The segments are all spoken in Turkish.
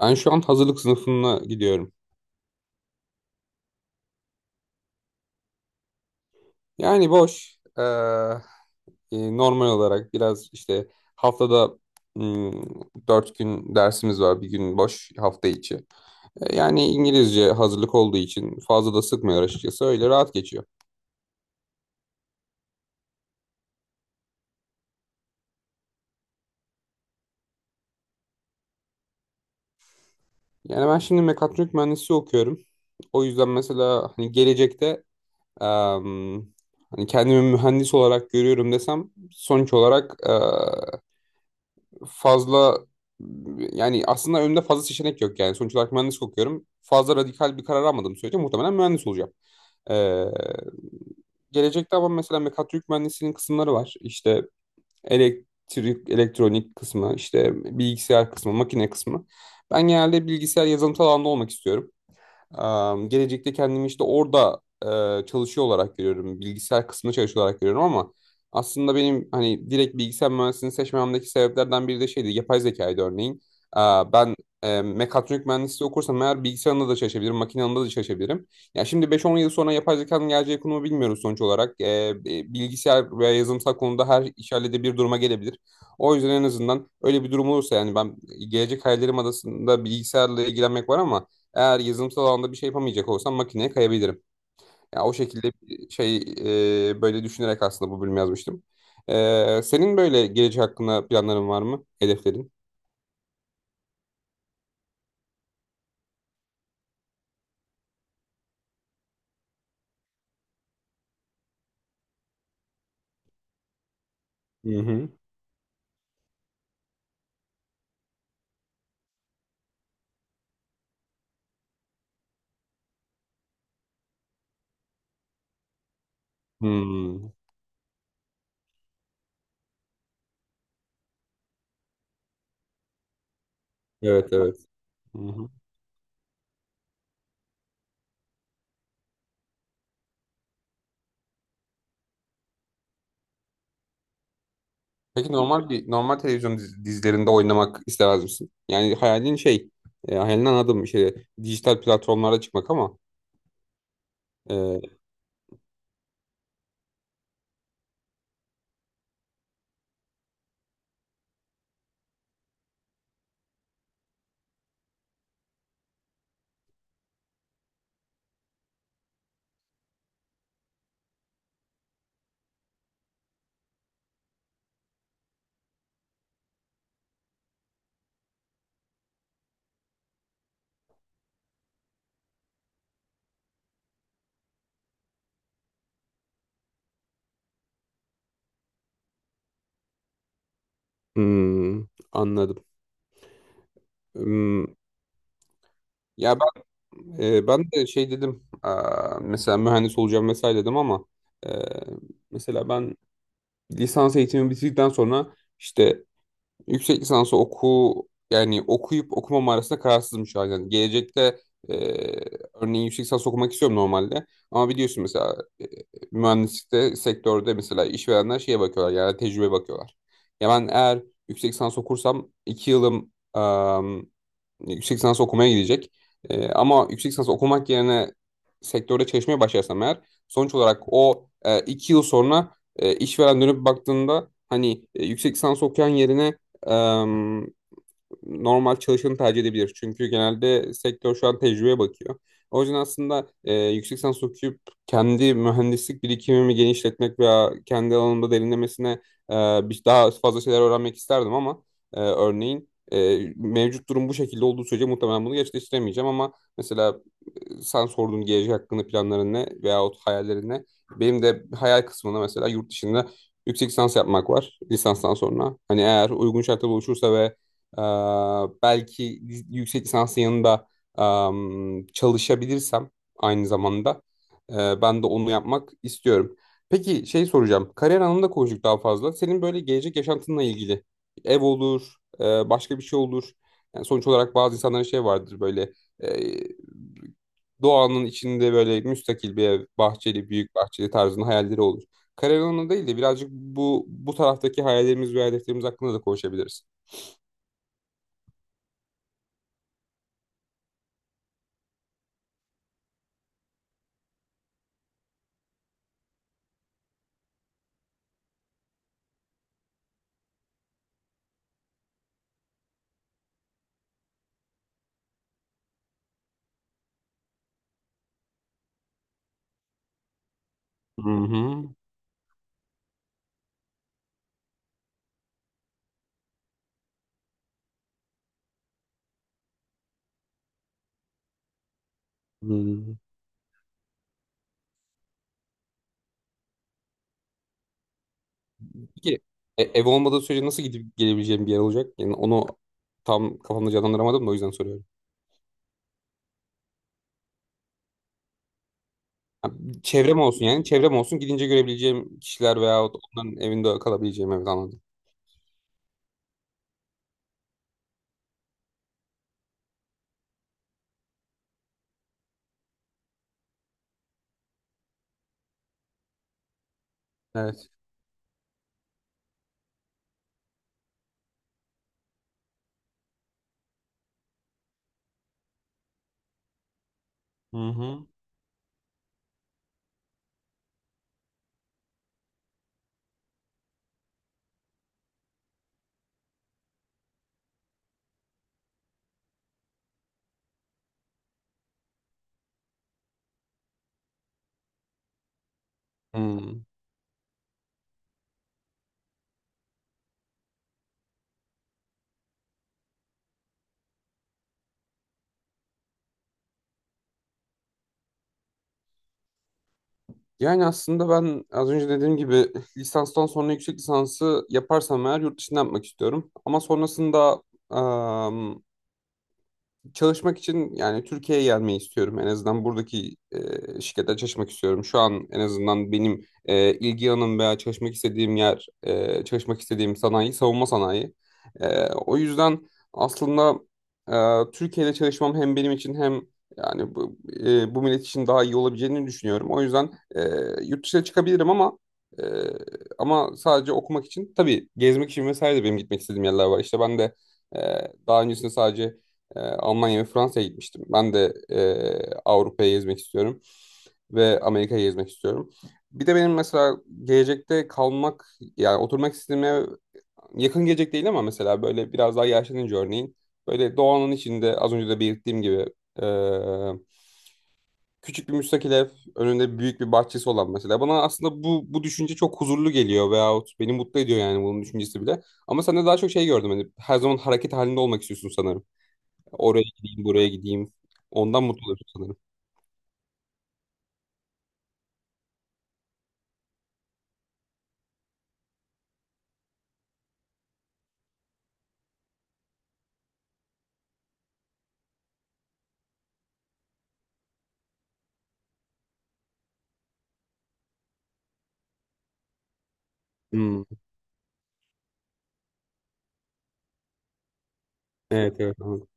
Ben şu an hazırlık sınıfına gidiyorum. Yani boş. Normal olarak biraz işte haftada hmm, dört gün dersimiz var. Bir gün boş hafta içi. Yani İngilizce hazırlık olduğu için fazla da sıkmıyor açıkçası. Öyle rahat geçiyor. Yani ben şimdi mekatronik mühendisliği okuyorum. O yüzden mesela hani gelecekte em, hani kendimi mühendis olarak görüyorum desem sonuç olarak fazla, yani aslında önümde fazla seçenek yok yani. Sonuç olarak mühendislik okuyorum. Fazla radikal bir karar almadığım sürece muhtemelen mühendis olacağım. Ee, Gelecekte ama mesela mekatronik mühendisliğinin kısımları var. İşte elektrik, elektronik kısmı, işte bilgisayar kısmı, makine kısmı. Ben genelde bilgisayar yazılımsal alanda olmak istiyorum. Gelecekte kendimi işte orada çalışıyor olarak görüyorum. Bilgisayar kısmında çalışıyor olarak görüyorum ama aslında benim hani direkt bilgisayar mühendisliğini seçmemdeki sebeplerden biri de şeydi. Yapay zekaydı örneğin. Ben mekatronik mühendisliği okursam eğer bilgisayarında da çalışabilirim, makine alanında da çalışabilirim. Ya şimdi 5-10 yıl sonra yapay zekanın geleceği konumu bilmiyoruz sonuç olarak. Bilgisayar veya yazılımsal konuda her iş bir duruma gelebilir. O yüzden en azından öyle bir durum olursa yani ben gelecek hayallerim adasında bilgisayarla ilgilenmek var ama eğer yazılımsal alanda bir şey yapamayacak olsam makineye kayabilirim. Ya o şekilde bir şey, böyle düşünerek aslında bu bölümü yazmıştım. Senin böyle gelecek hakkında planların var mı? Hedeflerin? Hı hı. Hmm. Evet, evet. Hı hı. Peki normal bir normal televizyon dizilerinde oynamak istemez misin? Yani hayalin şey, hayalini anladım, şey, dijital platformlara çıkmak ama e, hmm, anladım. Hmm, ya, ben de şey dedim, aa, mesela mühendis olacağım vesaire dedim ama e, mesela ben lisans eğitimi bitirdikten sonra işte yüksek lisansı oku, yani okuyup okumam arasında kararsızım şu an. Yani gelecekte e, örneğin yüksek lisans okumak istiyorum normalde ama biliyorsun mesela mühendislikte sektörde mesela işverenler şeye bakıyorlar yani tecrübe bakıyorlar. Ya ben eğer yüksek lisans okursam iki yılım yüksek lisans okumaya gidecek. Ama yüksek lisans okumak yerine sektörde çalışmaya başlarsam eğer sonuç olarak o iki yıl sonra işveren dönüp baktığında hani yüksek lisans okuyan yerine normal çalışanı tercih edebilir. Çünkü genelde sektör şu an tecrübeye bakıyor. O yüzden aslında yüksek lisans okuyup kendi mühendislik birikimimi genişletmek veya kendi alanımda derinlemesine e, daha fazla şeyler öğrenmek isterdim ama örneğin mevcut durum bu şekilde olduğu sürece muhtemelen bunu gerçekleştiremeyeceğim ama mesela sen sorduğun gelecek hakkında planların ne veyahut hayallerin ne? Benim de hayal kısmında mesela yurt dışında yüksek lisans yapmak var lisanstan sonra. Hani eğer uygun şartlar oluşursa ve ee, belki yüksek lisansın yanında çalışabilirsem aynı zamanda ben de onu yapmak istiyorum. Peki şey soracağım. Kariyer anlamında konuştuk daha fazla. Senin böyle gelecek yaşantınla ilgili ev olur, e, başka bir şey olur. Yani sonuç olarak bazı insanların şey vardır böyle, e, doğanın içinde böyle müstakil bir ev, bahçeli, büyük bahçeli tarzında hayalleri olur. Kariyer anlamında değil de birazcık bu taraftaki hayallerimiz ve hedeflerimiz hakkında da konuşabiliriz. Hı hı. Hmm. Peki ev olmadığı sürece nasıl gidip gelebileceğim bir yer olacak? Yani onu tam kafamda canlandıramadım da o yüzden soruyorum. Ha, çevrem olsun, yani çevrem olsun gidince görebileceğim kişiler veyahut onların evinde kalabileceğim, evet, anladım. Evet. Hı hı. Hmm. Yani aslında ben az önce dediğim gibi lisanstan sonra yüksek lisansı yaparsam eğer yurt dışında yapmak istiyorum. Ama sonrasında çalışmak için yani Türkiye'ye gelmeyi istiyorum. En azından buradaki şirkette çalışmak istiyorum. Şu an en azından benim ilgi alanım veya çalışmak istediğim yer, çalışmak istediğim sanayi savunma sanayi. O yüzden aslında Türkiye'de çalışmam hem benim için hem yani bu, bu millet için daha iyi olabileceğini düşünüyorum. O yüzden e, yurt dışına çıkabilirim ama e, ama sadece okumak için tabii gezmek için vesaire de benim gitmek istediğim yerler var. İşte ben de ee, daha öncesinde sadece Almanya ve Fransa'ya gitmiştim. Ben de Avrupa'yı gezmek istiyorum ve Amerika'yı gezmek istiyorum. Bir de benim mesela gelecekte kalmak, yani oturmak istediğim ev yakın gelecek değil ama mesela böyle biraz daha yaşlanınca örneğin böyle doğanın içinde az önce de belirttiğim gibi e, küçük bir müstakil ev, önünde büyük bir bahçesi olan, mesela bana aslında bu düşünce çok huzurlu geliyor veyahut beni mutlu ediyor yani bunun düşüncesi bile. Ama sen de daha çok şey gördüm, hani her zaman hareket halinde olmak istiyorsun sanırım. Oraya gideyim, buraya gideyim. Ondan mutlu oluyorsun sanırım. Hmm. Evet, evet, anladım.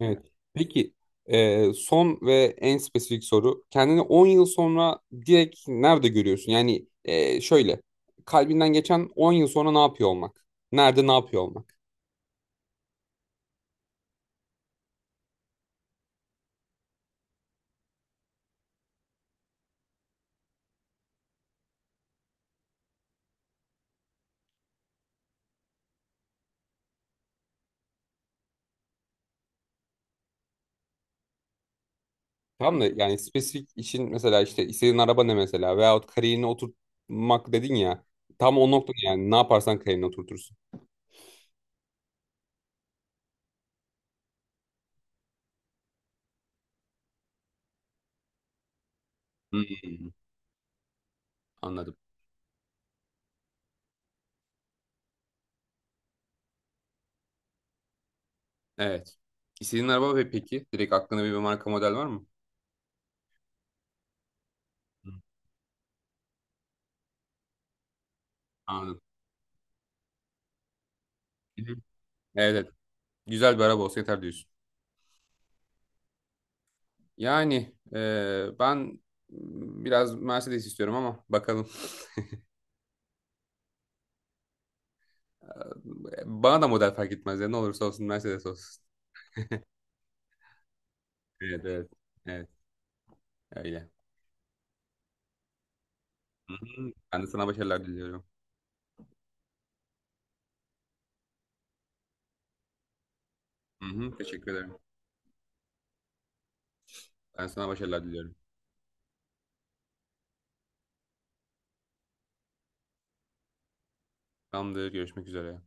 Evet. Peki, son ve en spesifik soru. Kendini 10 yıl sonra direkt nerede görüyorsun? Yani şöyle, kalbinden geçen 10 yıl sonra ne yapıyor olmak? Nerede ne yapıyor olmak? Tamam da, yani spesifik işin mesela işte istediğin araba ne mesela veyahut kariyerini oturtmak dedin ya. Tam o noktada yani ne yaparsan kariyerini oturtursun. Hmm, anladım. Evet. İstediğin araba ve peki direkt aklında bir marka model var mı? Anladım. Evet, evet. Güzel bir araba olsa yeter diyorsun. Yani ben biraz Mercedes istiyorum ama bakalım. Bana da model fark etmez ya. Ne olursa olsun Mercedes olsun. Evet, evet. Evet, öyle. Hı hı. Ben de sana başarılar diliyorum. Hı hı, teşekkür ederim. Ben sana başarılar diliyorum. Tamamdır, görüşmek üzere.